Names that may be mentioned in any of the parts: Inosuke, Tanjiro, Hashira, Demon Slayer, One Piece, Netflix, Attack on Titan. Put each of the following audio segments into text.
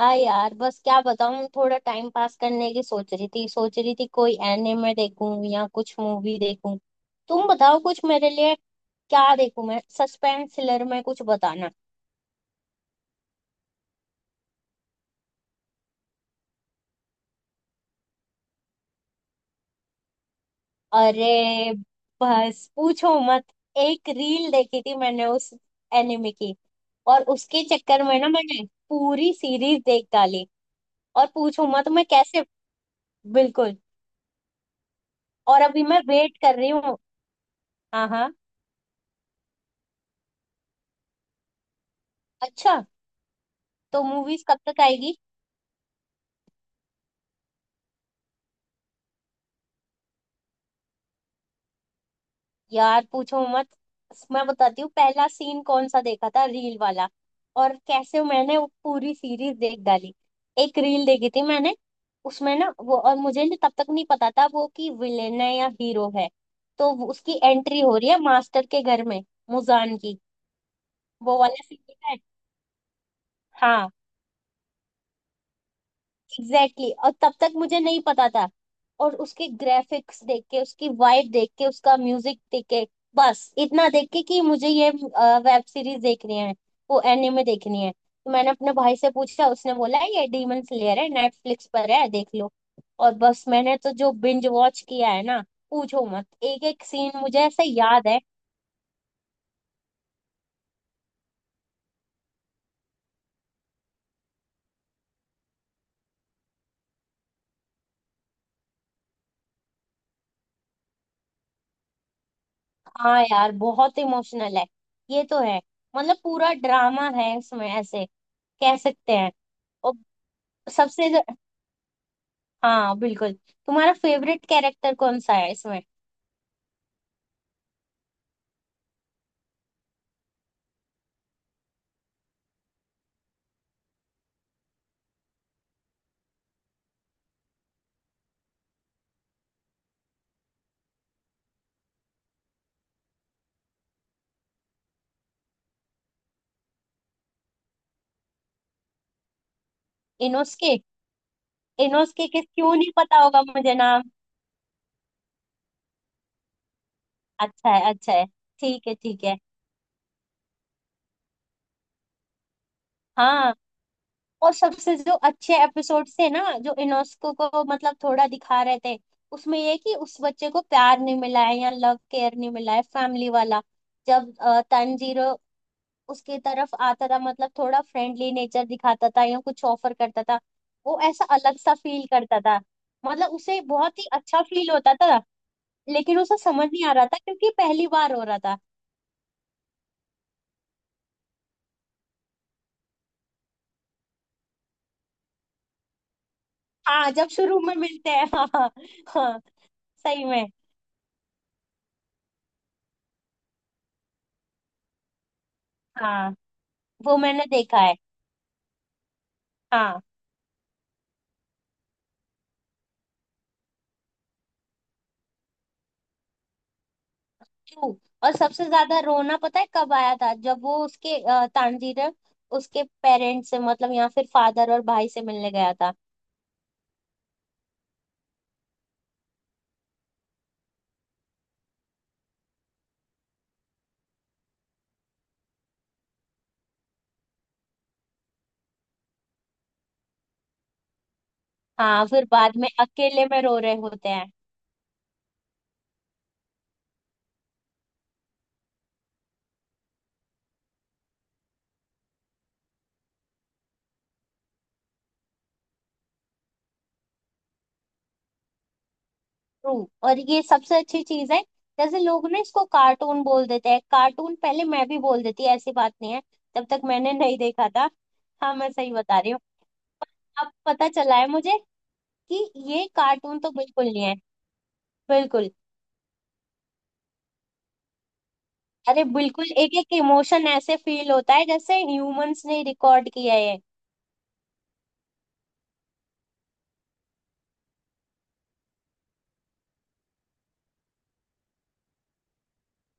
हाँ यार, बस क्या बताऊँ। थोड़ा टाइम पास करने की सोच रही थी कोई एनिमे देखूं या कुछ मूवी देखूं। तुम बताओ कुछ मेरे लिए, क्या देखूं मैं, सस्पेंस थ्रिलर में कुछ बताना। अरे बस, पूछो मत। एक रील देखी थी मैंने उस एनिमे की, और उसके चक्कर में ना मैंने पूरी सीरीज देख डाली। और पूछो मत मैं कैसे। बिल्कुल। और अभी मैं वेट कर रही हूँ। हाँ हाँ। अच्छा। तो मूवीज कब तक आएगी। यार पूछो मत, मैं बताती हूँ पहला सीन कौन सा देखा था, रील वाला, और कैसे मैंने वो पूरी सीरीज देख डाली। एक रील देखी थी मैंने, उसमें ना वो, और मुझे तब तक नहीं पता था वो कि विलेन है या हीरो है। तो उसकी एंट्री हो रही है मास्टर के घर में, मुजान की। वो वाला सीन देखा है। हाँ, एग्जैक्टली exactly। और तब तक मुझे नहीं पता था। और उसके ग्राफिक्स देख के, उसकी वाइब देख के, उसका म्यूजिक देख के, बस इतना देख के कि मुझे ये वेब सीरीज देखनी है, वो एनिमे देखनी है। तो मैंने अपने भाई से पूछा, उसने बोला ये डीमन स्लेयर है, नेटफ्लिक्स पर है, देख लो। और बस मैंने तो जो बिंज वॉच किया है ना, पूछो मत। एक एक सीन मुझे ऐसे याद है। हाँ यार, बहुत इमोशनल है। ये तो है। मतलब पूरा ड्रामा है उसमें, ऐसे कह सकते हैं। और सबसे। हाँ बिल्कुल। तुम्हारा फेवरेट कैरेक्टर कौन सा है इसमें। इनोस्के। इनोस्के के क्यों नहीं पता होगा मुझे नाम। अच्छा है, अच्छा है। ठीक है, ठीक है। हाँ। और सबसे जो अच्छे एपिसोड से ना, जो इनोस्को को मतलब थोड़ा दिखा रहे थे, उसमें ये कि उस बच्चे को प्यार नहीं मिला है या लव केयर नहीं मिला है, फैमिली वाला। जब तंजीरो उसके तरफ आता था, मतलब थोड़ा फ्रेंडली नेचर दिखाता था या कुछ ऑफर करता था, वो ऐसा अलग सा फील करता था। मतलब उसे बहुत ही अच्छा फील होता था, लेकिन उसे समझ नहीं आ रहा था क्योंकि पहली बार हो रहा था। हाँ, जब शुरू में मिलते हैं। हाँ हाँ। हाँ, सही में। हाँ, वो मैंने देखा है। हाँ। true। और सबसे ज्यादा रोना पता है कब आया था, जब वो उसके, तांजीर उसके पेरेंट्स से मतलब, या फिर फादर और भाई से मिलने गया था। हाँ, फिर बाद में अकेले में रो रहे होते हैं। ट्रू। और ये सबसे अच्छी चीज है। जैसे लोग ना इसको कार्टून बोल देते हैं, कार्टून पहले मैं भी बोल देती, ऐसी बात नहीं है, तब तक मैंने नहीं देखा था। हाँ मैं सही बता रही हूँ। अब पता चला है मुझे कि ये कार्टून तो बिल्कुल नहीं है। बिल्कुल। अरे बिल्कुल, एक एक इमोशन ऐसे फील होता है जैसे ह्यूमंस ने रिकॉर्ड किया है।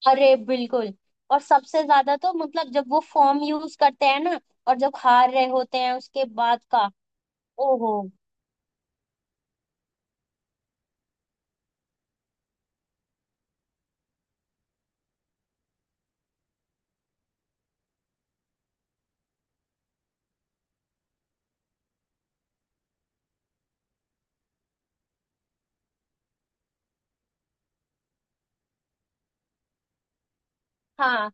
अरे बिल्कुल। और सबसे ज्यादा तो मतलब जब वो फॉर्म यूज करते हैं ना, और जब हार रहे होते हैं उसके बाद का। ओहो। हाँ,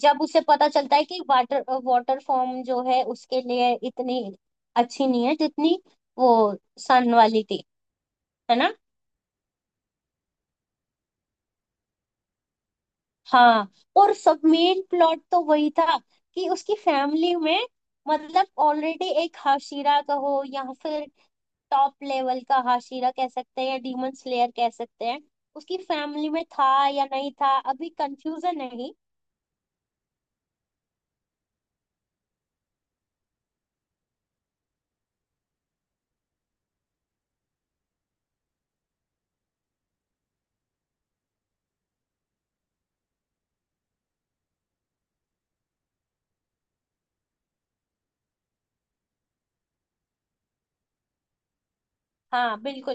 जब उसे पता चलता है कि वाटर वाटर फॉर्म जो है, उसके लिए इतनी अच्छी नहीं है जितनी वो सन वाली थी। है ना। हाँ, और सब मेन प्लॉट तो वही था, कि उसकी फैमिली में मतलब ऑलरेडी एक हाशिरा कहो, या फिर टॉप लेवल का हाशिरा कह सकते हैं, या डीमन स्लेयर कह सकते हैं, उसकी फैमिली में था या नहीं था, अभी कंफ्यूजन है। हाँ बिल्कुल,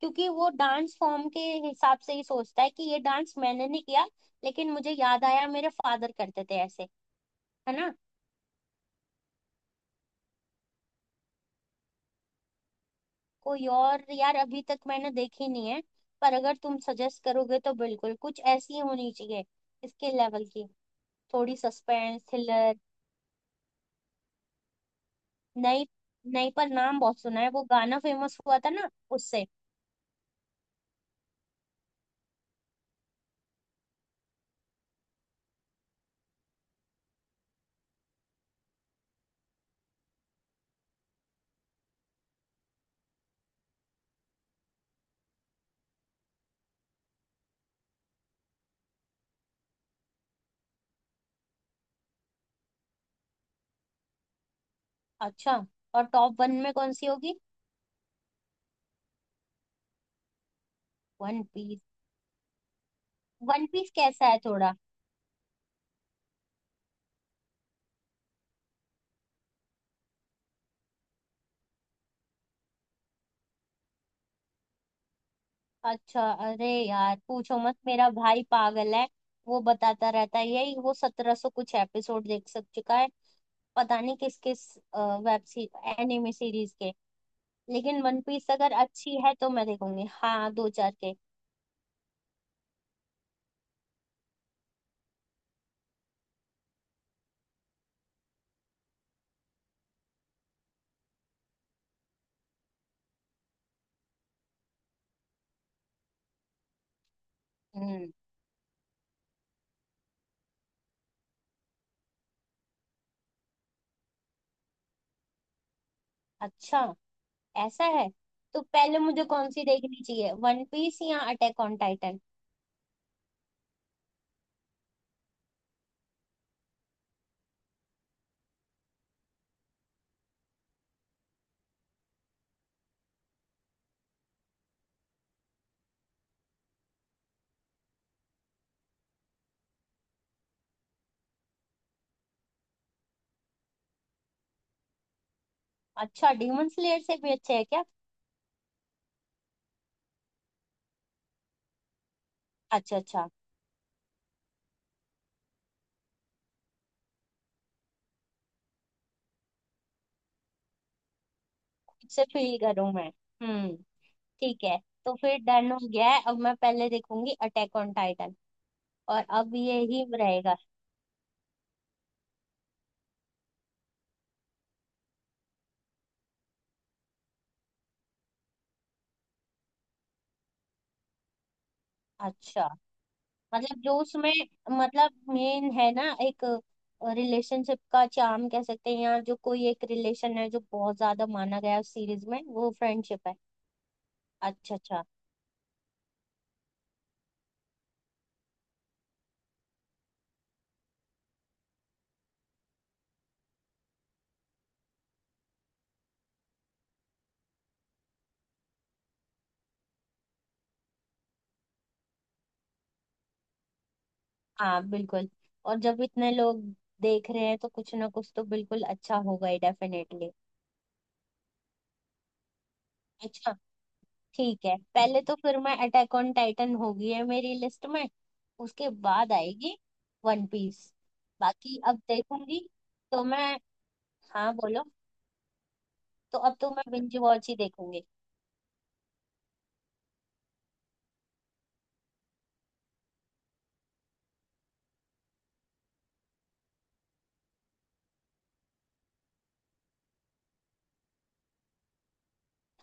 क्योंकि वो डांस फॉर्म के हिसाब से ही सोचता है कि ये डांस मैंने नहीं किया, लेकिन मुझे याद आया मेरे फादर करते थे ऐसे। है ना। कोई और, यार अभी तक मैंने देखी नहीं है, पर अगर तुम सजेस्ट करोगे तो बिल्कुल कुछ ऐसी होनी चाहिए इसके लेवल की, थोड़ी सस्पेंस थ्रिलर। नई। नई, पर नाम बहुत सुना है, वो गाना फेमस हुआ था ना। उससे अच्छा। और टॉप वन में कौन सी होगी। One Piece. वन पीस कैसा है थोड़ा। अच्छा, अरे यार पूछो मत, मेरा भाई पागल है। वो बताता रहता है, यही वो 1700 कुछ एपिसोड देख सक चुका है, पता नहीं किस किस वेब सी एनिमे सीरीज के। लेकिन वन पीस अगर अच्छी है तो मैं देखूंगी, हाँ, दो चार के। हम्म। अच्छा। ऐसा है। तो पहले मुझे कौन सी देखनी चाहिए, वन पीस या अटैक ऑन टाइटन। अच्छा, डीमन स्लेयर से भी अच्छे है क्या। अच्छा अच्छा। इससे फील करूं मैं। हम्म। ठीक है। तो फिर डन हो गया है, अब मैं पहले देखूंगी अटैक ऑन टाइटन। और अब ये ही रहेगा। अच्छा। मतलब जो उसमें, मतलब मेन है ना एक, रिलेशनशिप का चार्म कह सकते हैं, या जो कोई एक रिलेशन है जो बहुत ज्यादा माना गया है उस सीरीज में, वो फ्रेंडशिप है। अच्छा अच्छा। हाँ बिल्कुल। और जब इतने लोग देख रहे हैं तो कुछ ना कुछ तो बिल्कुल अच्छा होगा ही, डेफिनेटली। अच्छा। ठीक है, पहले तो फिर मैं अटैक ऑन टाइटन होगी है मेरी लिस्ट में, उसके बाद आएगी वन पीस। बाकी अब देखूंगी तो मैं। हाँ बोलो। तो अब तो मैं बिंज वॉच ही देखूंगी।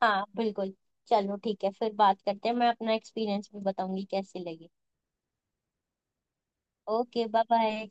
हाँ बिल्कुल। चलो ठीक है, फिर बात करते हैं, मैं अपना एक्सपीरियंस भी बताऊंगी कैसी लगी। Okay, bye bye.